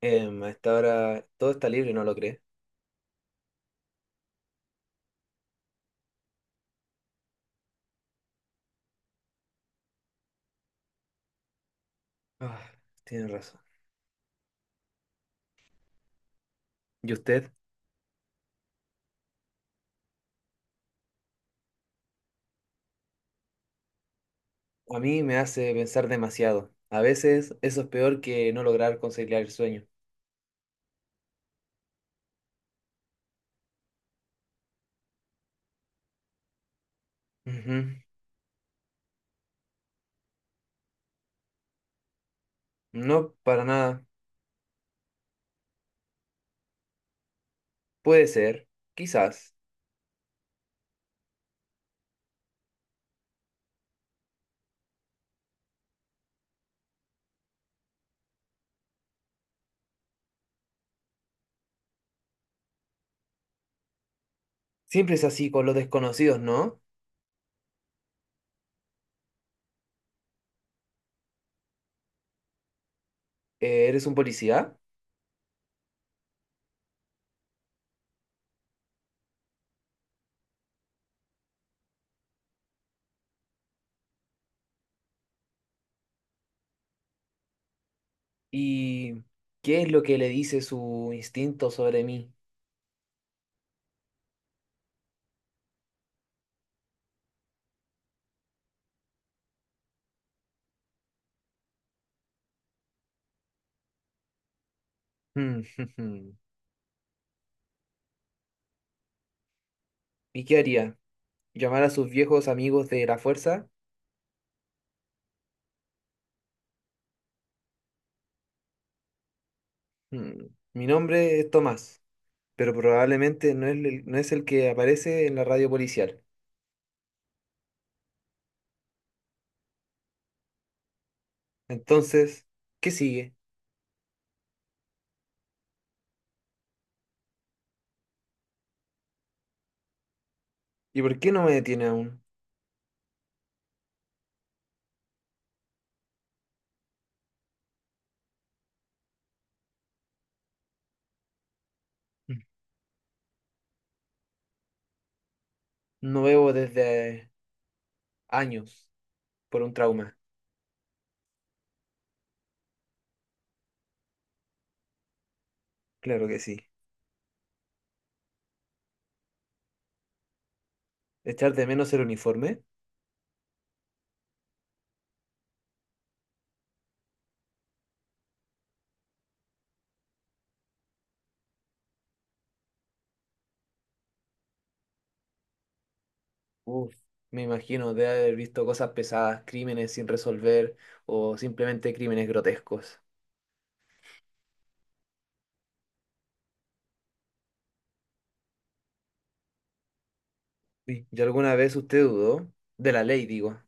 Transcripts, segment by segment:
A esta hora todo está libre, ¿no lo cree? Ah, tiene razón. ¿Y usted? A mí me hace pensar demasiado. A veces eso es peor que no lograr conciliar el sueño. Ujú. No, para nada. Puede ser, quizás. Siempre es así con los desconocidos, ¿no? ¿Eres un policía? ¿Y qué es lo que le dice su instinto sobre mí? Mm. ¿Y qué haría? ¿Llamar a sus viejos amigos de la fuerza? Mm. Mi nombre es Tomás, pero probablemente no es el que aparece en la radio policial. Entonces, ¿qué sigue? ¿Y por qué no me detiene aún? No bebo desde años por un trauma. Claro que sí. ¿Echar de menos el uniforme? Uf, me imagino de haber visto cosas pesadas, crímenes sin resolver o simplemente crímenes grotescos. Uy, ¿y alguna vez usted dudó? De la ley, digo.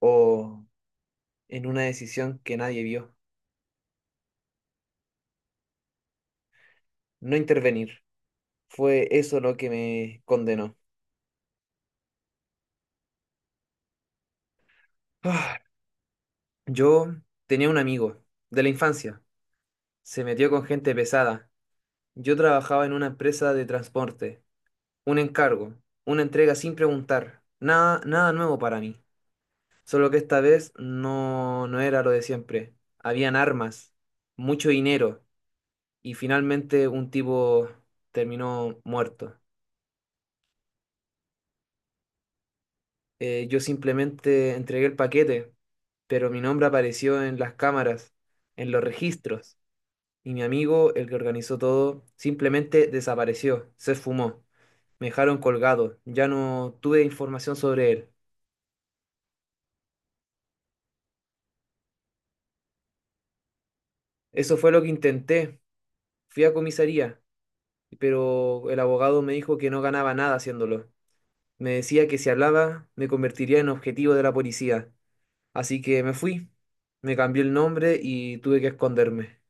O en una decisión que nadie vio. No intervenir. Fue eso lo que me condenó. Yo tenía un amigo de la infancia. Se metió con gente pesada. Yo trabajaba en una empresa de transporte. Un encargo, una entrega sin preguntar. Nada, nada nuevo para mí. Solo que esta vez no era lo de siempre. Habían armas, mucho dinero y finalmente un tipo terminó muerto. Yo simplemente entregué el paquete, pero mi nombre apareció en las cámaras, en los registros. Y mi amigo, el que organizó todo, simplemente desapareció, se esfumó. Me dejaron colgado, ya no tuve información sobre él. Eso fue lo que intenté. Fui a comisaría, pero el abogado me dijo que no ganaba nada haciéndolo. Me decía que si hablaba me convertiría en objetivo de la policía. Así que me fui, me cambié el nombre y tuve que esconderme.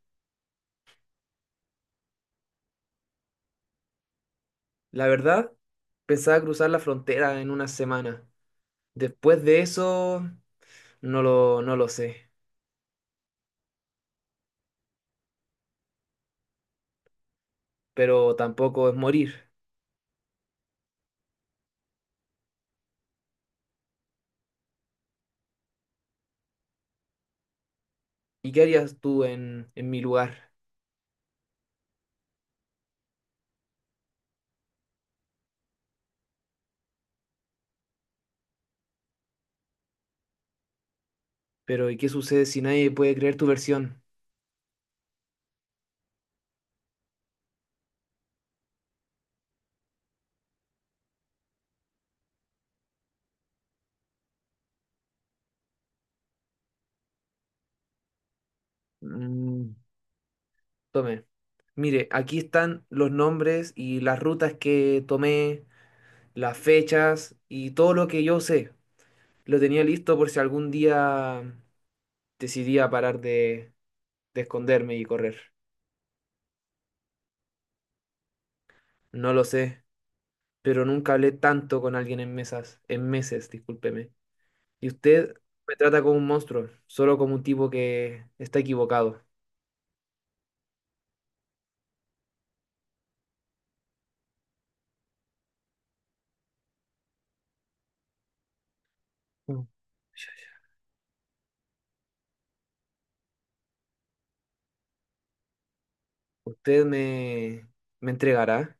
La verdad, pensaba cruzar la frontera en una semana. Después de eso, no lo sé. Pero tampoco es morir. ¿Y qué harías tú en mi lugar? Pero ¿y qué sucede si nadie puede creer tu versión? Mm. Tome. Mire, aquí están los nombres y las rutas que tomé, las fechas y todo lo que yo sé. Lo tenía listo por si algún día decidía parar de, de esconderme y correr. No lo sé, pero nunca hablé tanto con alguien en meses, discúlpeme. Y usted me trata como un monstruo, solo como un tipo que está equivocado. Mm. ¿Usted me, ¿Me entregará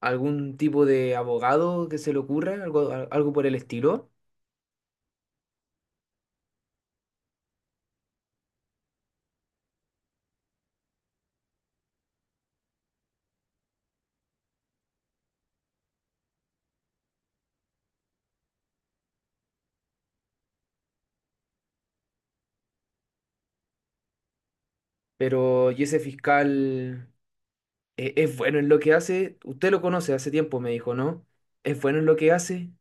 algún tipo de abogado que se le ocurra, algo, algo por el estilo? Pero y ese fiscal, es bueno en lo que hace. Usted lo conoce hace tiempo, me dijo, ¿no? ¿Es bueno en lo que hace?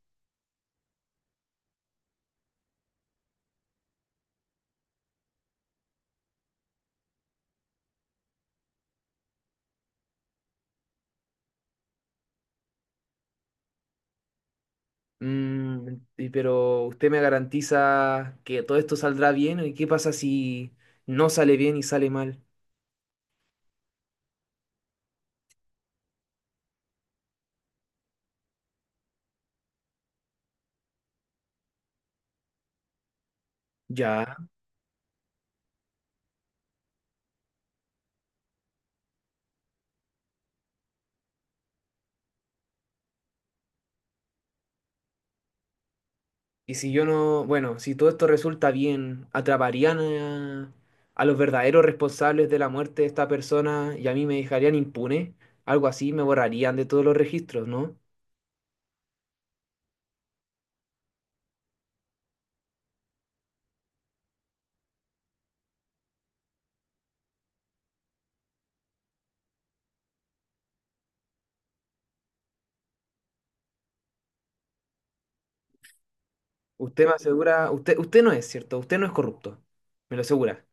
Mm, pero usted me garantiza que todo esto saldrá bien. ¿Y qué pasa si no sale bien y sale mal? Ya. Y si yo no, bueno, si todo esto resulta bien, atraparían a los verdaderos responsables de la muerte de esta persona y a mí me dejarían impune, algo así, me borrarían de todos los registros, ¿no? Usted me asegura, usted no es, ¿cierto? Usted no es corrupto, me lo asegura.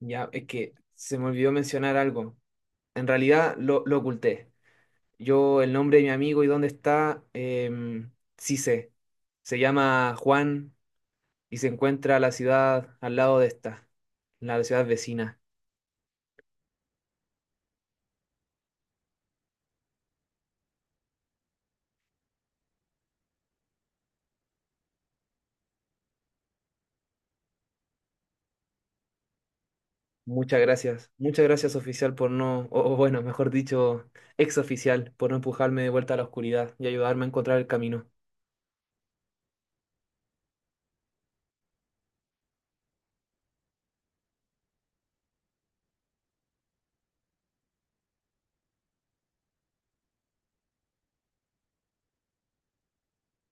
Ya, es que se me olvidó mencionar algo. En realidad lo oculté. Yo, el nombre de mi amigo y dónde está, sí sé. Se llama Juan y se encuentra la ciudad al lado de esta, la ciudad vecina. Muchas gracias. Muchas gracias, oficial, por no, o bueno, mejor dicho, ex oficial, por no empujarme de vuelta a la oscuridad y ayudarme a encontrar el camino.